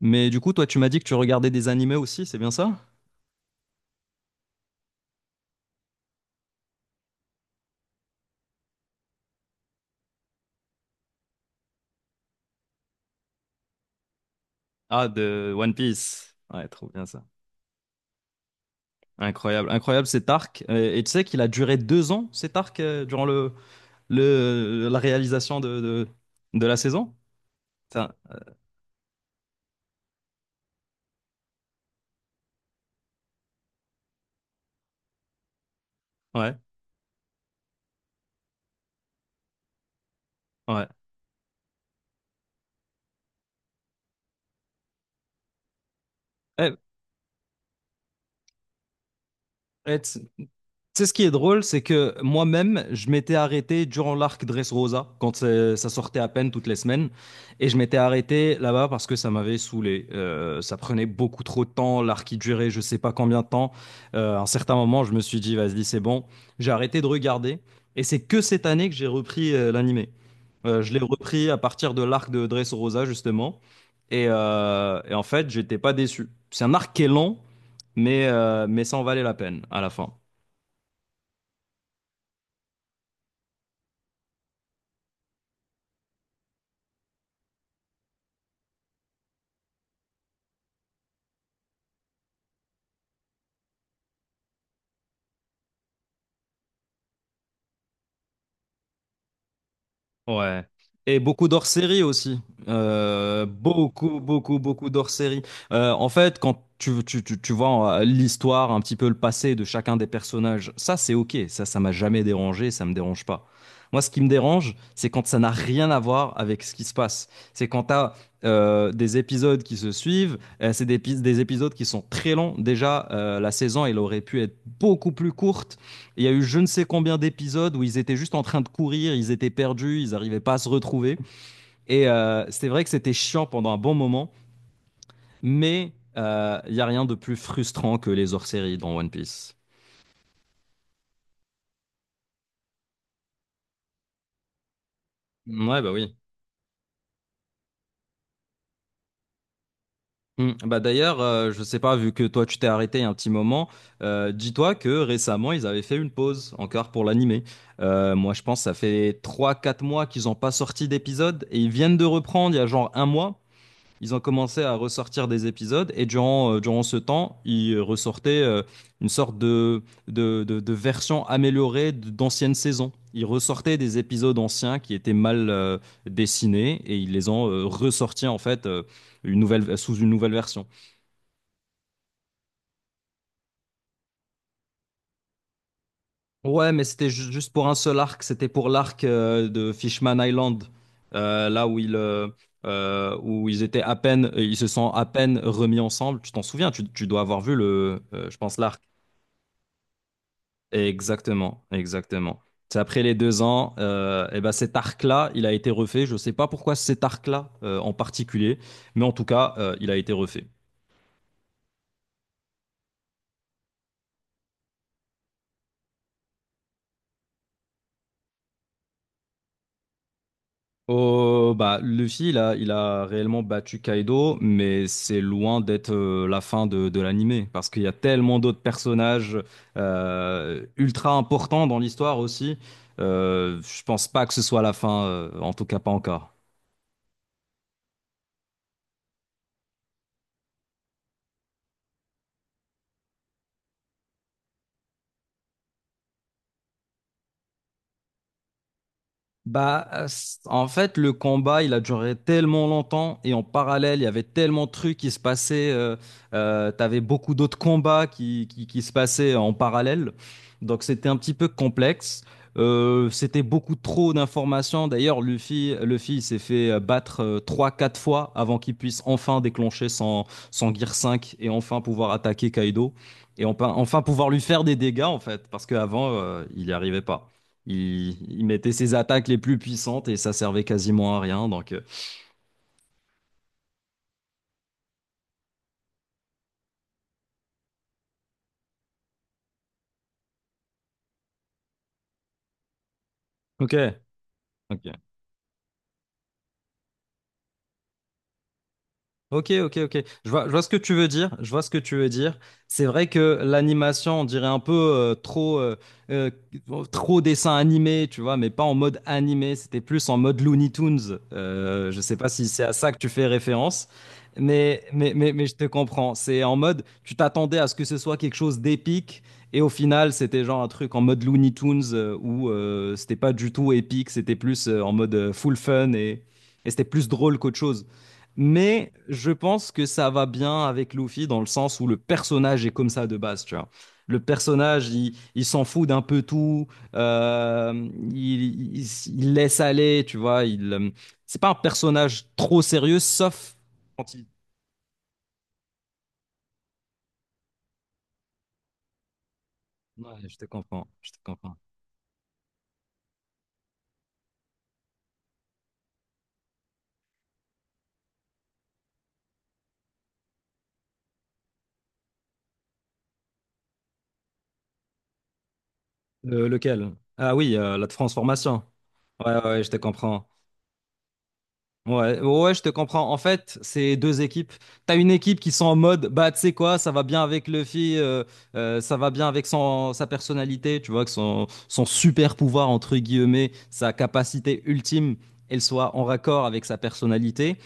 Mais du coup, toi, tu m'as dit que tu regardais des animés aussi, c'est bien ça? Ah, de One Piece. Ouais, trop bien ça. Incroyable, incroyable cet arc. Et tu sais qu'il a duré deux ans, cet arc, durant la réalisation de la saison? Putain. Ouais, ouais. Eh, eh, tu Tu sais, ce qui est drôle, c'est que moi-même, je m'étais arrêté durant l'arc Dressrosa, quand ça sortait à peine toutes les semaines. Et je m'étais arrêté là-bas parce que ça m'avait saoulé. Ça prenait beaucoup trop de temps, l'arc il durait je sais pas combien de temps. À un certain moment, je me suis dit, vas-y, c'est bon. J'ai arrêté de regarder. Et c'est que cette année que j'ai repris l'animé. Je l'ai repris à partir de l'arc de Dressrosa, justement. Et en fait, j'étais pas déçu. C'est un arc qui est long, mais ça en valait la peine à la fin. Ouais. Et beaucoup d'hors-série aussi. Beaucoup, beaucoup, beaucoup d'hors-série. En fait, quand tu vois l'histoire, un petit peu le passé de chacun des personnages, ça, c'est OK. Ça m'a jamais dérangé, ça me dérange pas. Moi, ce qui me dérange, c'est quand ça n'a rien à voir avec ce qui se passe. C'est quand t'as as des épisodes qui se suivent, c'est des épisodes qui sont très longs. Déjà, la saison, elle aurait pu être beaucoup plus courte. Il y a eu je ne sais combien d'épisodes où ils étaient juste en train de courir, ils étaient perdus, ils n'arrivaient pas à se retrouver. C'est vrai que c'était chiant pendant un bon moment, mais il n'y a rien de plus frustrant que les hors-séries dans One Piece. Ouais, bah oui. Hmm. Bah d'ailleurs, je sais pas, vu que toi tu t'es arrêté il y a un petit moment, dis-toi que récemment ils avaient fait une pause encore pour l'animé. Moi je pense que ça fait trois quatre mois qu'ils n'ont pas sorti d'épisode et ils viennent de reprendre il y a genre un mois. Ils ont commencé à ressortir des épisodes et durant, durant ce temps, ils ressortaient une sorte de version améliorée d'anciennes saisons. Ils ressortaient des épisodes anciens qui étaient mal dessinés et ils les ont ressortis en fait une nouvelle, sous une nouvelle version. Ouais, mais c'était juste pour un seul arc, c'était pour l'arc de Fishman Island, euh, là où ils, euh, où ils étaient à peine, ils se sont à peine remis ensemble. Tu t'en souviens, tu dois avoir vu le, je pense, l'arc. Exactement, exactement. C'est après les deux ans, eh ben cet arc-là, il a été refait. Je ne sais pas pourquoi cet arc-là en particulier, mais en tout cas, il a été refait. Oh, bah, Luffy, il a réellement battu Kaido, mais c'est loin d'être la fin de l'anime, parce qu'il y a tellement d'autres personnages ultra importants dans l'histoire aussi. Je pense pas que ce soit la fin, en tout cas pas encore. En fait, le combat, il a duré tellement longtemps et en parallèle, il y avait tellement de trucs qui se passaient. T'avais beaucoup d'autres combats qui se passaient en parallèle. Donc, c'était un petit peu complexe. C'était beaucoup trop d'informations. D'ailleurs, Luffy il s'est fait battre trois quatre fois avant qu'il puisse enfin déclencher son, son Gear 5 et enfin pouvoir attaquer Kaido. Et enfin, enfin pouvoir lui faire des dégâts, en fait, parce qu'avant, il n'y arrivait pas. Il mettait ses attaques les plus puissantes et ça servait quasiment à rien. Ok, ok. Ok, ok, ok. Je vois ce que tu veux dire. Je vois ce que tu veux dire. C'est vrai que l'animation, on dirait un peu euh, trop dessin animé, tu vois, mais pas en mode animé. C'était plus en mode Looney Tunes. Je sais pas si c'est à ça que tu fais référence, mais je te comprends. C'est en mode, tu t'attendais à ce que ce soit quelque chose d'épique, et au final, c'était genre un truc en mode Looney Tunes où c'était pas du tout épique. C'était plus en mode full fun et c'était plus drôle qu'autre chose. Mais je pense que ça va bien avec Luffy dans le sens où le personnage est comme ça de base, tu vois. Le personnage, il s'en fout d'un peu tout, il laisse aller, tu vois. C'est pas un personnage trop sérieux, sauf quand il... Ouais, je te comprends, je te comprends. Le- lequel? Ah oui, la transformation. Ouais, ouais, ouais, je te comprends. Ouais, ouais, je te comprends. En fait, c'est deux équipes. T'as une équipe qui sont en mode, bah, tu sais quoi, ça va bien avec Luffy, ça va bien avec son, sa personnalité, tu vois, que son, son super pouvoir, entre guillemets, sa capacité ultime, elle soit en raccord avec sa personnalité.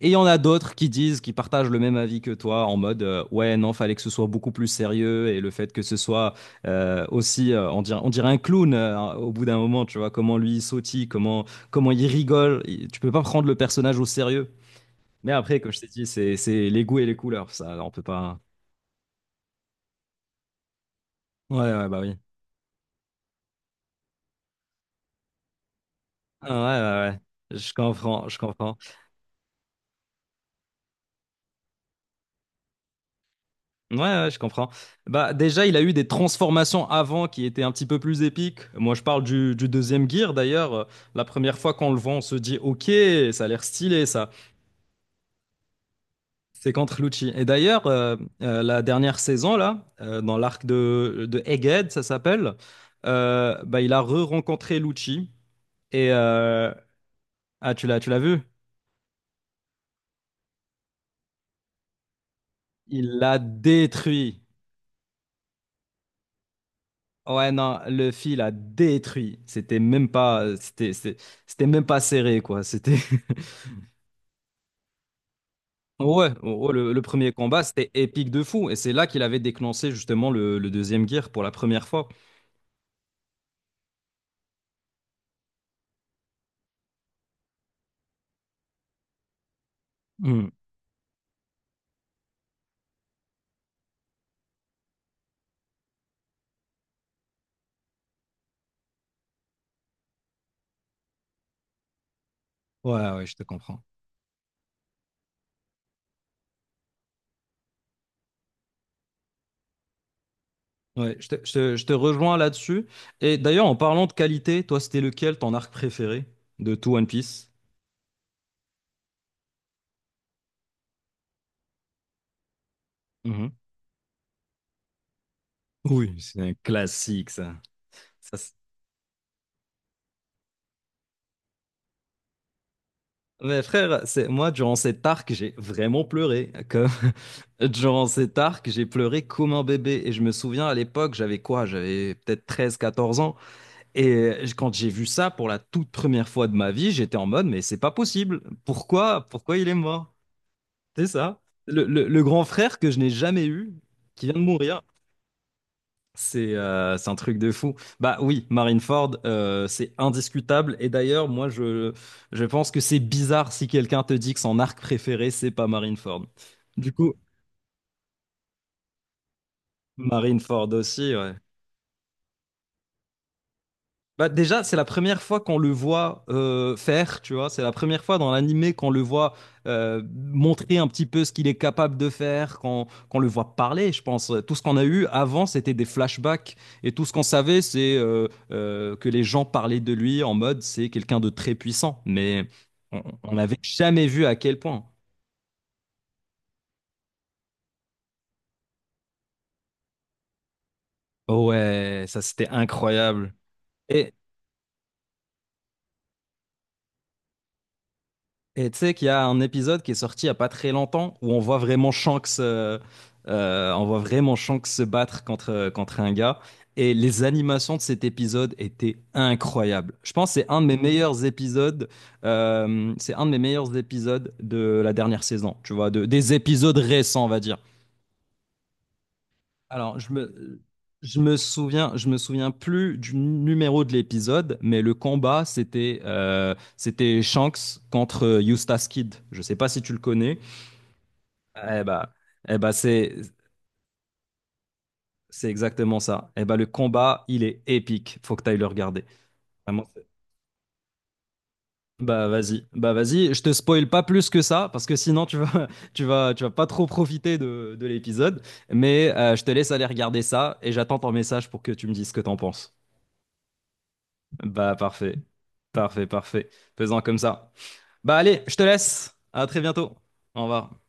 Et il y en a d'autres qui disent, qui partagent le même avis que toi, en mode ouais non, fallait que ce soit beaucoup plus sérieux et le fait que ce soit on dirait un clown au bout d'un moment, tu vois comment lui il sautille, comment il rigole. Il- tu peux pas prendre le personnage au sérieux. Mais après, comme je t'ai dit, c'est les goûts et les couleurs, ça, on peut pas. Ouais ouais bah oui. Ah, ouais ouais ouais. Je comprends, je comprends. Ouais, ouais, je comprends. Bah, déjà, il a eu des transformations avant qui étaient un petit peu plus épiques. Moi, je parle du deuxième gear d'ailleurs. La première fois qu'on le voit, on se dit, ok, ça a l'air stylé ça. C'est contre Lucci. La dernière saison là, dans l'arc de Egghead, ça s'appelle, bah, il a re-rencontré Lucci et euh, ah, tu l'as vu? Il l'a détruit. Ouais, non, le fil a détruit. C'était même pas, c'était même pas serré quoi. C'était Ouais, oh, oh, le premier combat, c'était épique de fou. Et c'est là qu'il avait déclenché justement le deuxième gear pour la première fois. Hmm. Ouais, ouais, je te comprends. Ouais, je te rejoins là-dessus. Et d'ailleurs, en parlant de qualité, toi, c'était lequel ton arc préféré de tout One Piece? Mhm. Oui, c'est un classique, ça. Ça, c'est- Mais frère, c'est moi, durant cet arc, j'ai vraiment pleuré. Comme... Durant cet arc, j'ai pleuré comme un bébé. Et je me souviens, à l'époque, j'avais quoi? J'avais peut-être treize, quatorze ans. Et quand j'ai vu ça pour la toute première fois de ma vie, j'étais en mode, mais c'est pas possible. Pourquoi, pourquoi il est mort? C'est ça. Le grand frère que je n'ai jamais eu, qui vient de mourir, c'est un truc de fou. Bah oui, Marineford, c'est indiscutable. Je pense que c'est bizarre si quelqu'un te dit que son arc préféré, c'est pas Marineford. Du coup, Marineford aussi, ouais. Bah déjà, c'est la première fois qu'on le voit faire, tu vois. C'est la première fois dans l'animé qu'on le voit montrer un petit peu ce qu'il est capable de faire, qu'on le voit parler, je pense. Tout ce qu'on a eu avant, c'était des flashbacks. Et tout ce qu'on savait, c'est que les gens parlaient de lui en mode c'est quelqu'un de très puissant. Mais on n'avait jamais vu à quel point. Oh ouais, ça c'était incroyable. et Et tu sais qu'il y a un épisode qui est sorti il y a pas très longtemps où on voit vraiment on voit vraiment Shanks se battre contre, contre un gars. Et les animations de cet épisode étaient incroyables. Je pense que c'est un de mes meilleurs épisodes, c'est un de mes meilleurs épisodes de la dernière saison, tu vois, de, des épisodes récents, on va dire. Alors, je me, je me souviens, je me souviens plus du numéro de l'épisode, mais le combat, c'était Shanks contre Eustace Kid. Je sais pas si tu le connais. Eh bah, eh bah c'est c'est exactement ça. Eh bah, le combat, il est épique. Faut que tu ailles le regarder. Vraiment, c'est- bah vas-y, je te spoil pas plus que ça parce que sinon tu vas tu vas pas trop profiter de l'épisode, mais je te laisse aller regarder ça et j'attends ton message pour que tu me dises ce que t'en penses. Bah parfait. Parfait, parfait. Faisons comme ça. Bah allez, je te laisse. À très bientôt. Au revoir.